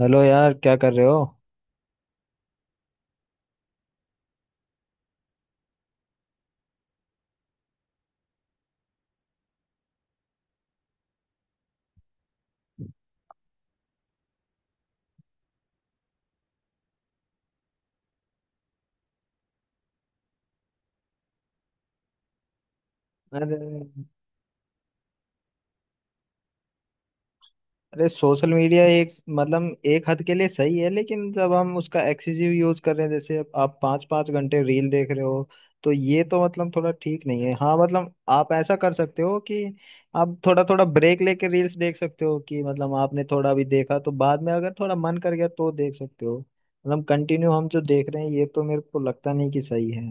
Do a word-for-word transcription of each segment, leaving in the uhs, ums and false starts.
Hello यार, क्या कर रहे हो? अरे, अरे, सोशल मीडिया एक मतलब एक हद के लिए सही है, लेकिन जब हम उसका एक्सेसिव यूज कर रहे हैं, जैसे अब आप पाँच पाँच घंटे रील देख रहे हो, तो ये तो मतलब थोड़ा ठीक नहीं है। हाँ, मतलब आप ऐसा कर सकते हो कि आप थोड़ा थोड़ा ब्रेक लेके रील्स देख सकते हो, कि मतलब आपने थोड़ा अभी देखा तो बाद में अगर थोड़ा मन कर गया तो देख सकते हो। मतलब कंटिन्यू हम जो देख रहे हैं, ये तो मेरे को लगता नहीं कि सही है।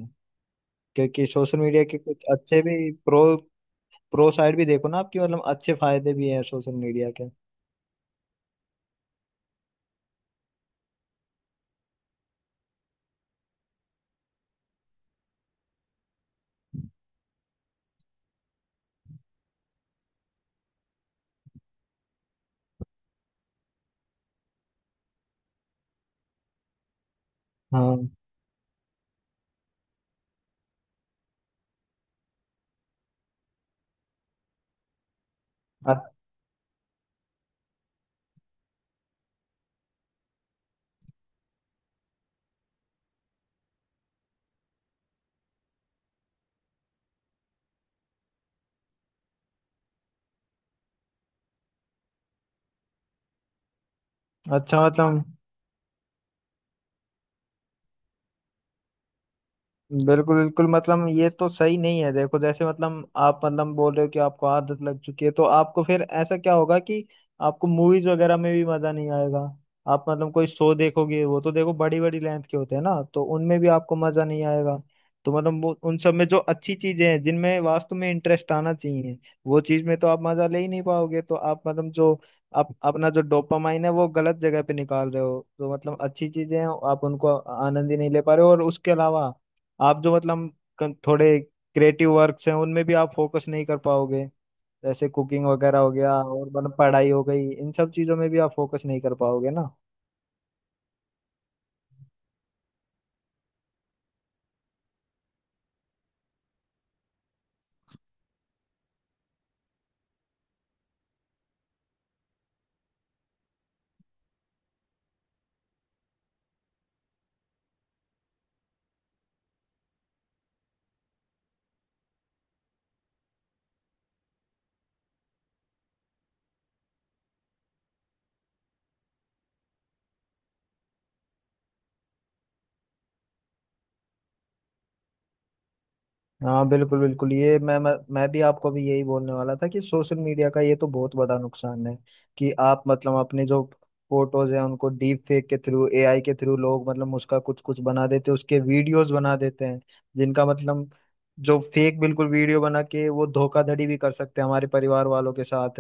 क्योंकि सोशल मीडिया के कुछ अच्छे भी प्रो प्रो साइड भी देखो ना, आपकी मतलब अच्छे फायदे भी हैं सोशल मीडिया के। हाँ। अ- अच्छा, मतलब बिल्कुल बिल्कुल, मतलब ये तो सही नहीं है। देखो जैसे मतलब, आप मतलब बोल रहे हो कि आपको आदत लग चुकी है, तो आपको फिर ऐसा क्या होगा कि आपको मूवीज वगैरह में भी मजा नहीं आएगा। आप मतलब कोई शो देखोगे, वो तो देखो बड़ी बड़ी लेंथ के होते हैं ना, तो उनमें भी आपको मजा नहीं आएगा। तो मतलब वो उन सब में जो अच्छी चीजें हैं, जिनमें वास्तव में इंटरेस्ट आना चाहिए, वो चीज में तो आप मजा ले ही नहीं पाओगे। तो आप मतलब जो, आप अपना जो डोपामाइन है वो गलत जगह पे निकाल रहे हो। तो मतलब अच्छी चीजें हैं, आप उनको आनंद ही नहीं ले पा रहे हो, और उसके अलावा आप जो मतलब कं- थोड़े क्रिएटिव वर्क्स हैं, उनमें भी आप फोकस नहीं कर पाओगे। जैसे कुकिंग वगैरह हो गया, और मतलब पढ़ाई हो गई, इन सब चीज़ों में भी आप फोकस नहीं कर पाओगे ना। हाँ, बिल्कुल बिल्कुल, ये मैं मैं मैं भी आपको भी यही बोलने वाला था कि सोशल मीडिया का ये तो बहुत बड़ा नुकसान है कि आप मतलब अपने जो फोटोज हैं उनको डीप फेक के थ्रू, ए आई के थ्रू लोग मतलब उसका कुछ कुछ बना देते हैं, उसके वीडियोस बना देते हैं, जिनका मतलब जो फेक बिल्कुल वीडियो बना के वो धोखाधड़ी भी कर सकते हैं हमारे परिवार वालों के साथ।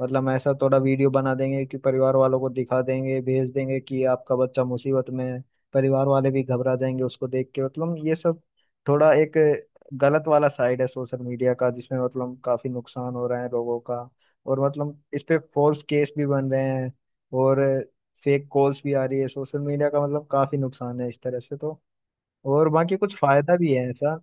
मतलब ऐसा थोड़ा वीडियो बना देंगे कि परिवार वालों को दिखा देंगे, भेज देंगे कि आपका बच्चा मुसीबत में है, परिवार वाले भी घबरा जाएंगे उसको देख के। मतलब ये सब थोड़ा एक गलत वाला साइड है सोशल मीडिया का, जिसमें मतलब काफी नुकसान हो रहा है लोगों का। और मतलब इस पे फॉल्स केस भी बन रहे हैं, और फेक कॉल्स भी आ रही है। सोशल मीडिया का मतलब काफी नुकसान है इस तरह से तो, और बाकी कुछ फायदा भी है ऐसा।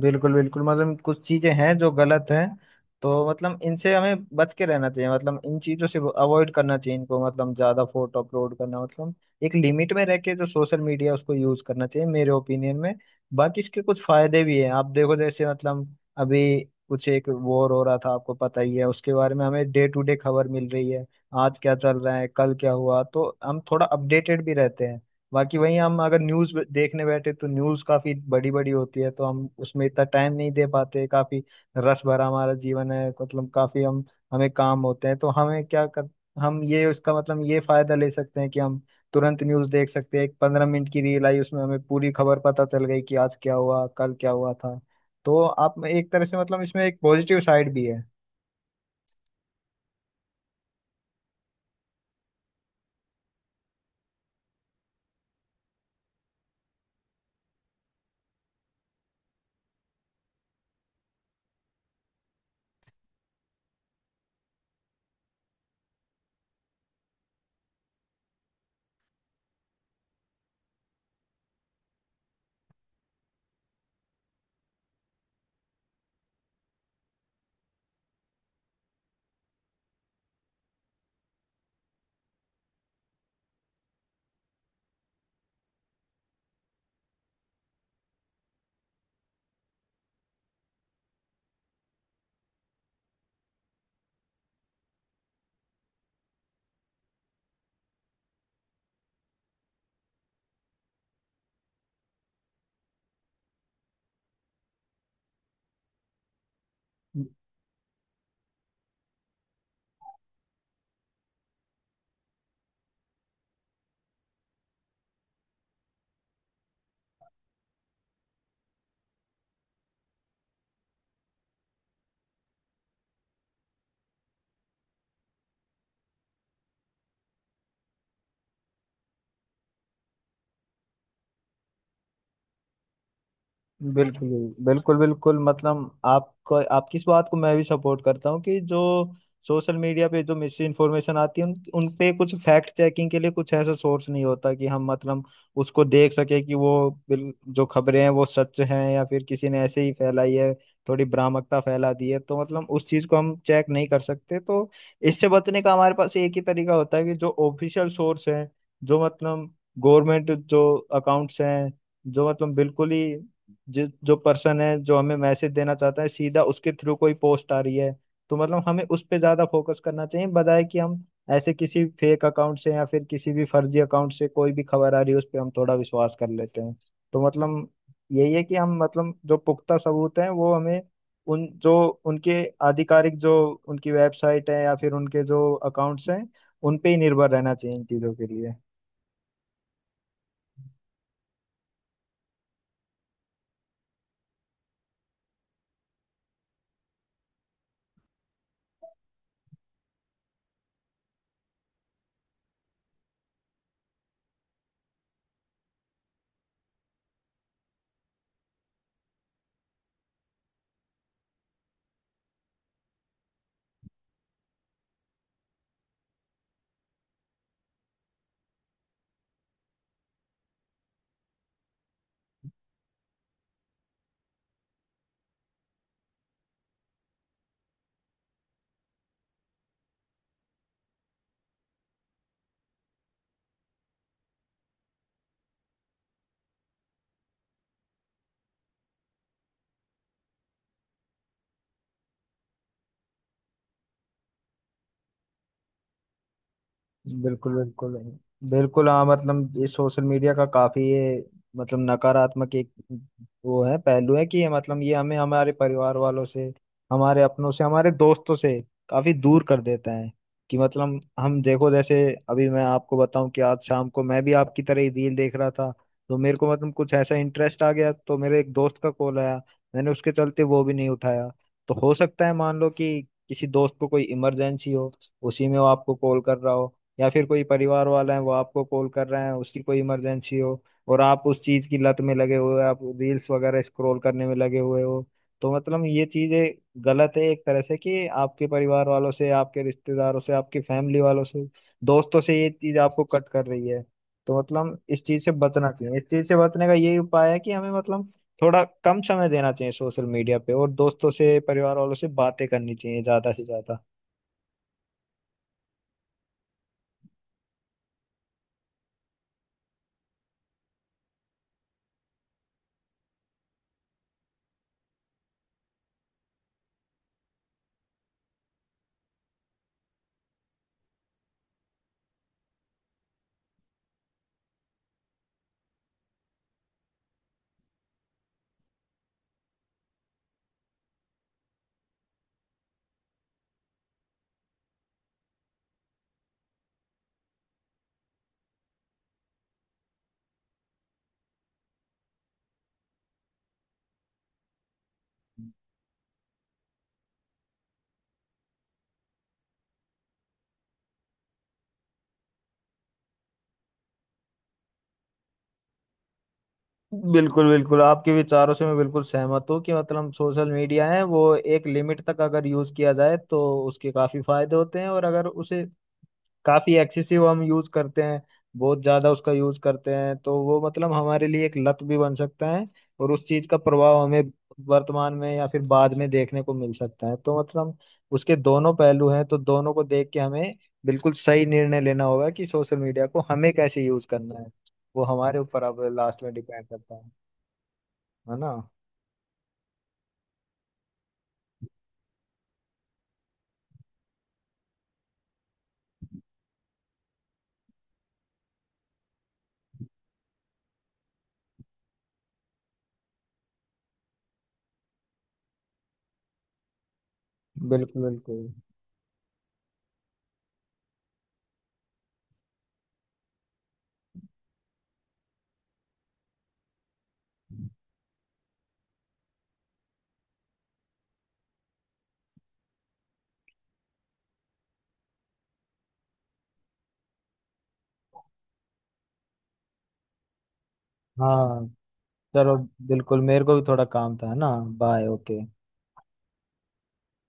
बिल्कुल बिल्कुल, मतलब कुछ चीजें हैं जो गलत हैं, तो मतलब इनसे हमें बच के रहना चाहिए, मतलब इन चीजों से अवॉइड करना चाहिए इनको। मतलब ज्यादा फोटो अपलोड करना मतलब, एक लिमिट में रह के जो सोशल मीडिया उसको यूज करना चाहिए मेरे ओपिनियन में। बाकी इसके कुछ फायदे भी हैं, आप देखो जैसे मतलब, अभी कुछ एक वॉर हो रहा था, आपको पता ही है उसके बारे में, हमें डे टू डे खबर मिल रही है, आज क्या चल रहा है, कल क्या हुआ, तो हम थोड़ा अपडेटेड भी रहते हैं। बाकी वहीं हम अगर न्यूज़ देखने बैठे, तो न्यूज़ काफ़ी बड़ी बड़ी होती है, तो हम उसमें इतना टाइम नहीं दे पाते। काफ़ी रस भरा हमारा जीवन है, मतलब काफ़ी हम, हमें काम होते हैं, तो हमें क्या कर, हम ये उसका मतलब ये फ़ायदा ले सकते हैं कि हम तुरंत न्यूज़ देख सकते हैं। एक पंद्रह मिनट की रील आई, उसमें हमें पूरी खबर पता चल गई कि आज क्या हुआ, कल क्या हुआ था। तो आप एक तरह से मतलब इसमें एक पॉजिटिव साइड भी है। बिल्कुल बिल्कुल बिल्कुल, मतलब आपको, आपकी इस बात को मैं भी सपोर्ट करता हूँ कि जो सोशल मीडिया पे जो मिस इन्फॉर्मेशन आती है, उन उन पे कुछ फैक्ट चेकिंग के लिए कुछ ऐसा सोर्स नहीं होता कि हम मतलब उसको देख सके कि वो बिल- जो खबरें हैं वो सच हैं या फिर किसी ने ऐसे ही फैलाई है, थोड़ी भ्रामकता फैला दी है, तो मतलब उस चीज को हम चेक नहीं कर सकते। तो इससे बचने का हमारे पास एक ही तरीका होता है कि जो ऑफिशियल सोर्स है, जो मतलब गवर्नमेंट जो अकाउंट्स हैं, जो मतलब बिल्कुल ही, जो जो पर्सन है जो हमें मैसेज देना चाहता है, सीधा उसके थ्रू कोई पोस्ट आ रही है, तो मतलब हमें उस पे ज्यादा फोकस करना चाहिए, बजाय कि हम ऐसे किसी फेक अकाउंट से या फिर किसी भी फर्जी अकाउंट से कोई भी खबर आ रही है उस पे हम थोड़ा विश्वास कर लेते हैं। तो मतलब यही है कि हम मतलब जो पुख्ता सबूत हैं, वो हमें, उन जो, उनके आधिकारिक जो, उनकी वेबसाइट है या फिर उनके जो अकाउंट्स हैं, उन पे ही निर्भर रहना चाहिए इन चीजों के लिए। बिल्कुल बिल्कुल बिल्कुल। हाँ, मतलब ये सोशल मीडिया का काफी ये, मतलब नकारात्मक एक वो है, पहलू है कि ये मतलब ये हमें हमारे परिवार वालों से, हमारे अपनों से, हमारे दोस्तों से काफी दूर कर देता है। कि मतलब हम देखो जैसे, अभी मैं आपको बताऊं कि आज शाम को मैं भी आपकी तरह ही रील देख रहा था, तो मेरे को मतलब कुछ ऐसा इंटरेस्ट आ गया। तो मेरे एक दोस्त का कॉल आया, मैंने उसके चलते वो भी नहीं उठाया। तो हो सकता है मान लो कि किसी दोस्त को कोई इमरजेंसी हो, उसी में वो आपको कॉल कर रहा हो, या फिर कोई परिवार वाला है वो आपको कॉल कर रहे हैं, उसकी कोई इमरजेंसी हो, और आप उस चीज की लत में लगे हुए हो, आप रील्स वगैरह स्क्रॉल करने में लगे हुए हो। तो मतलब ये चीजें गलत है एक तरह से, कि आपके परिवार वालों से, आपके रिश्तेदारों से, आपकी फैमिली वालों से, दोस्तों से ये चीज आपको कट कर रही है। तो मतलब इस चीज से बचना चाहिए। इस चीज से बचने का यही उपाय है कि हमें मतलब थोड़ा कम समय देना चाहिए सोशल मीडिया पे, और दोस्तों से परिवार वालों से बातें करनी चाहिए ज्यादा से ज्यादा। बिल्कुल बिल्कुल, आपके विचारों से मैं बिल्कुल सहमत हूँ कि मतलब सोशल मीडिया है वो एक लिमिट तक अगर यूज किया जाए, तो उसके काफी फायदे होते हैं, और अगर उसे काफी एक्सेसिव हम यूज करते हैं, बहुत ज्यादा उसका यूज करते हैं, तो वो मतलब हमारे लिए एक लत भी बन सकता है, और उस चीज का प्रभाव हमें वर्तमान में या फिर बाद में देखने को मिल सकता है। तो मतलब उसके दोनों पहलू हैं, तो दोनों को देख के हमें बिल्कुल सही निर्णय लेना होगा कि सोशल मीडिया को हमें कैसे यूज करना है। वो हमारे ऊपर अब लास्ट में डिपेंड करता है है ना? बिल्कुल बिल्कुल। हाँ, चलो, बिल्कुल मेरे को भी थोड़ा काम था, है ना? Bye, okay.